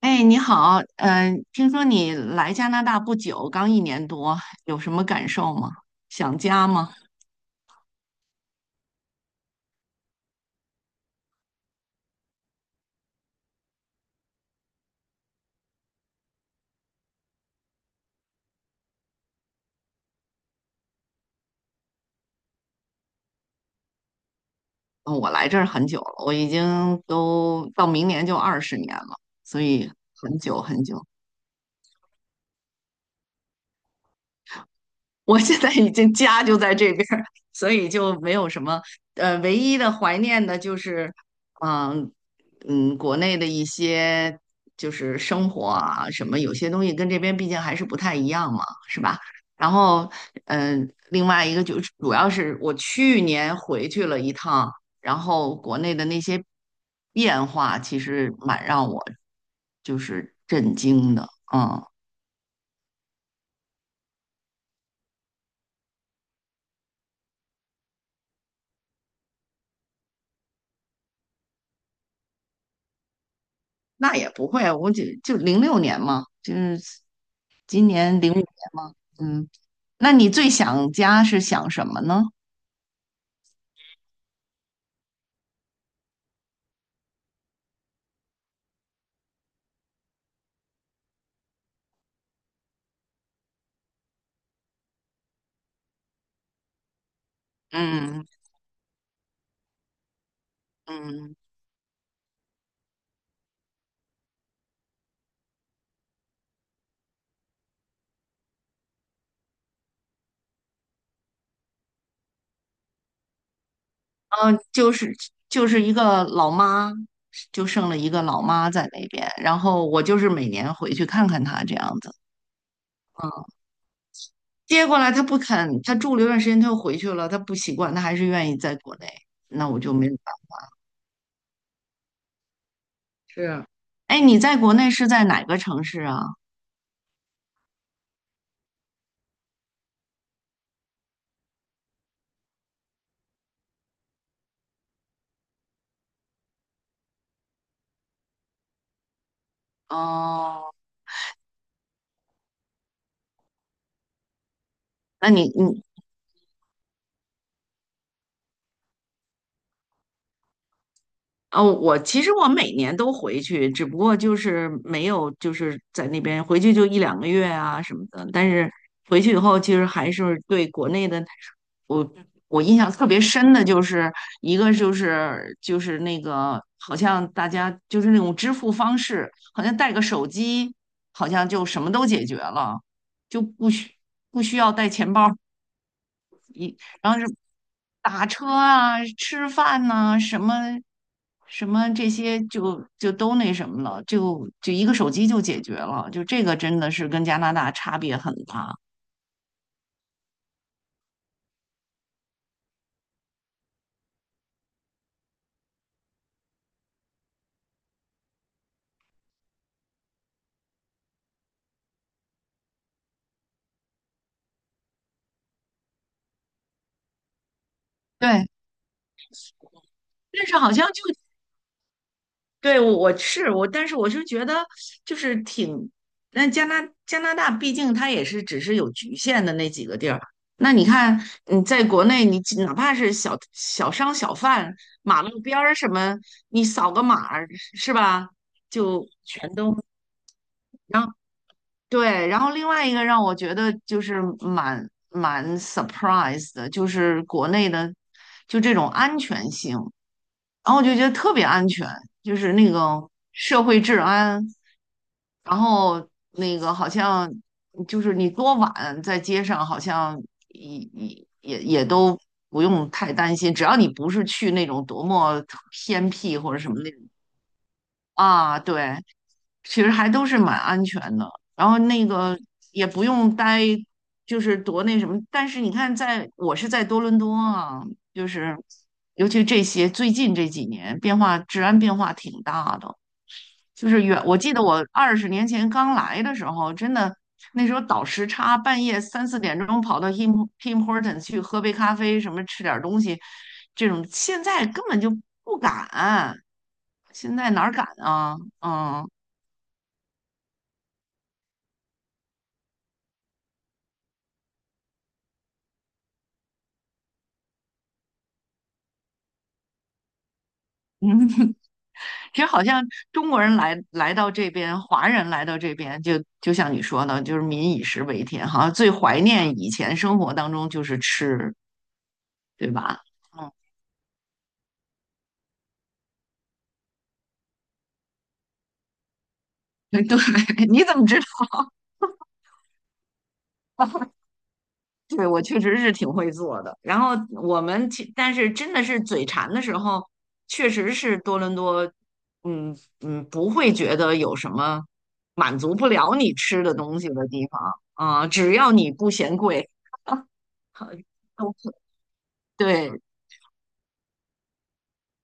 哎，你好，听说你来加拿大不久，刚1年多，有什么感受吗？想家吗？嗯我来这儿很久了，我已经都到明年就二十年了，所以很久很久。我现在已经家就在这边儿，所以就没有什么唯一的怀念的就是，嗯、国内的一些就是生活啊什么，有些东西跟这边毕竟还是不太一样嘛，是吧？然后另外一个就是主要是我去年回去了一趟，然后国内的那些变化其实蛮让我就是震惊的，嗯。那也不会啊，我就06年嘛，就是今年05年嘛，嗯，那你最想家是想什么呢？嗯嗯，嗯，就是就是一个老妈，就剩了一个老妈在那边，然后我就是每年回去看看她这样子。接过来她不肯，她住了一段时间，她又回去了，她不习惯，她还是愿意在国内，那我就没有办法。是。哎，你在国内是在哪个城市啊？哦，那你你哦，我其实每年都回去，只不过就是没有就是在那边回去就一两个月啊什么的。但是回去以后，其实还是对国内的，我我印象特别深的就是一个就是那个好像大家就是那种支付方式，好像带个手机，好像就什么都解决了，就不需要带钱包然后是打车啊、吃饭呐、什么什么这些就都那什么了，就一个手机就解决了，就这个真的是跟加拿大差别很大。对，但是好像就对，我是我，但是我就觉得就是挺，那加拿大毕竟它也是只是有局限的那几个地儿。那你看你在国内，你只哪怕是小商小贩，马路边儿什么，你扫个码儿是吧，就全都然后对。然后另外一个让我觉得就是蛮 surprise 的，就是国内的就这种安全性。然后我就觉得特别安全，就是那个社会治安，然后那个好像就是你多晚在街上，好像也都不用太担心，只要你不是去那种多么偏僻或者什么那种。啊，对，其实还都是蛮安全的。然后那个也不用待，就是多那什么。但是你看在，我是在多伦多啊，就是尤其这些最近这几年变化，治安变化挺大的。就是远，我记得我20年前刚来的时候，真的那时候倒时差，半夜3、4点钟跑到 Tim Horton 去喝杯咖啡，什么吃点东西，这种现在根本就不敢，现在哪儿敢啊？嗯嗯。这好像中国人来到这边，华人来到这边，就像你说的，就是民以食为天好像最怀念以前生活当中就是吃，对吧？嗯。对，你怎么知对，我确实是挺会做的。然后我们其，但是真的是嘴馋的时候，确实是多伦多，嗯不会觉得有什么满足不了你吃的东西的地方啊，只要你不嫌贵，都可对，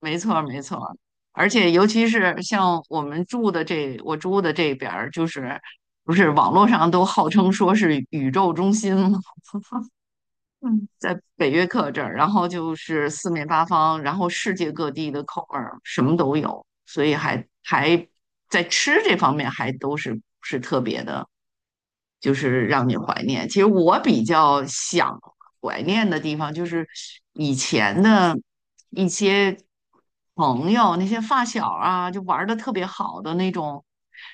没错儿没错儿。而且尤其是像我住的这边儿，就是不是网络上都号称说是宇宙中心吗？嗯，在北约克这儿，然后就是四面八方，然后世界各地的口味儿什么都有，所以还在吃这方面还都是特别的，就是让你怀念。其实我比较想怀念的地方就是以前的一些朋友，那些发小啊，就玩的特别好的那种，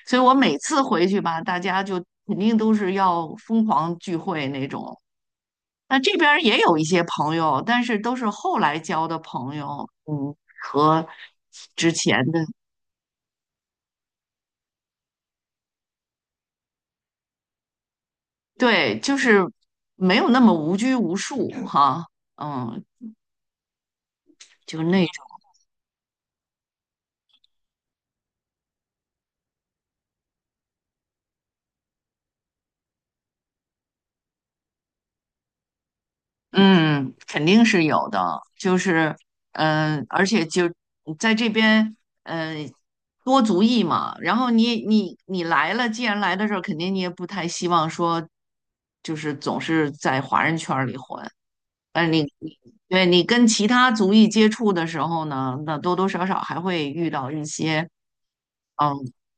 所以我每次回去吧，大家就肯定都是要疯狂聚会那种。那这边儿也有一些朋友，但是都是后来交的朋友，和之前的，对，就是没有那么无拘无束哈，嗯，就那种，嗯，肯定是有的，就是，而且就在这边，嗯，多族裔嘛，然后你来了，既然来的时候，肯定你也不太希望说，就是总是在华人圈儿里混。呃，你你对你跟其他族裔接触的时候呢，那多多少少还会遇到一些嗯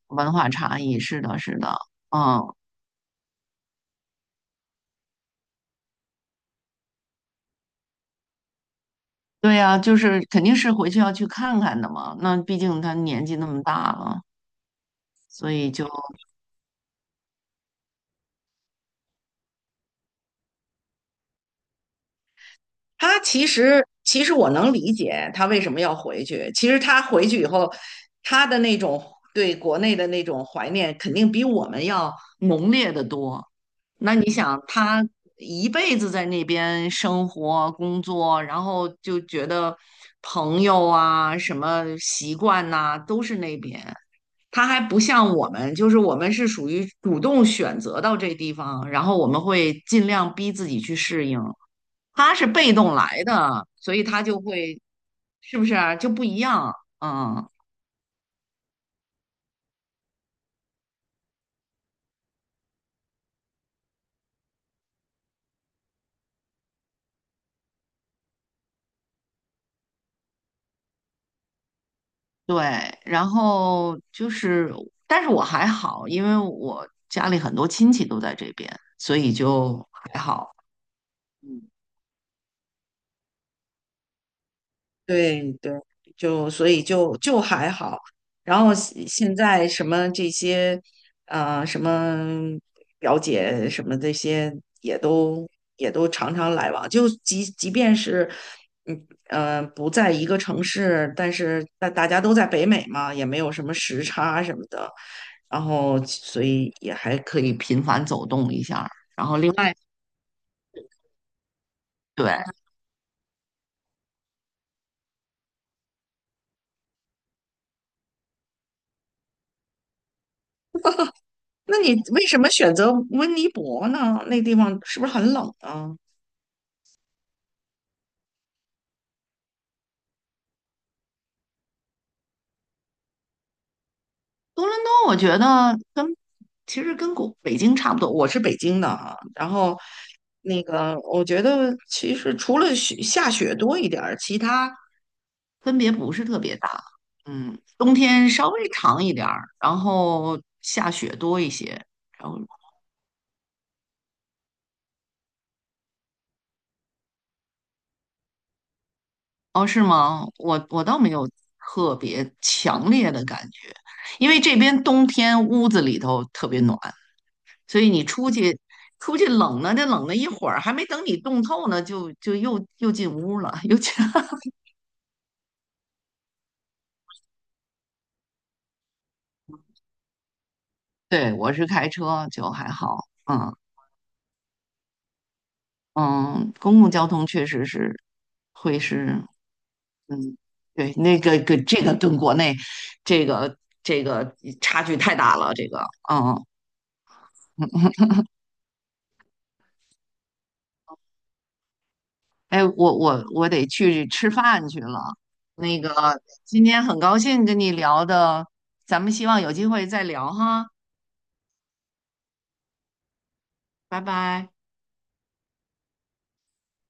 文化差异。是的，是的。嗯。对呀，就是肯定是回去要去看看的嘛。那毕竟他年纪那么大了，所以就他其实我能理解他为什么要回去。其实他回去以后，他的那种对国内的那种怀念，肯定比我们要浓烈的多。那你想，他一辈子在那边生活、工作，然后就觉得朋友啊、什么习惯呐、都是那边。他还不像我们，就是我们是属于主动选择到这地方，然后我们会尽量逼自己去适应。他是被动来的，所以他就会，是不是啊就不一样？嗯，对。然后就是，但是我还好，因为我家里很多亲戚都在这边，所以就还好。嗯。对对，就所以就还好。然后现在什么这些，什么表姐什么这些也都也都常常来往。就即便是，不在一个城市，但是大家都在北美嘛，也没有什么时差什么的，然后所以也还可以频繁走动一下儿然后另外，对。那你为什么选择温尼伯呢？那地方是不是很冷呢？多伦多，我觉得其实跟北京差不多。我是北京的啊，然后那个我觉得其实除了下雪多一点儿，其他分别不是特别大。冬天稍微长一点儿，然后下雪多一些。然后哦，是吗？我倒没有特别强烈的感觉，因为这边冬天屋子里头特别暖。所以你出去冷呢，这冷了一会儿，还没等你冻透呢，就又进屋了，又进。对，我是开车，就还好。嗯嗯，公共交通确实是会是，嗯，对，那个跟这个跟国内这个这个差距太大了，这个嗯，哎，我得去吃饭去了。那个今天很高兴跟你聊的，咱们希望有机会再聊哈，拜拜。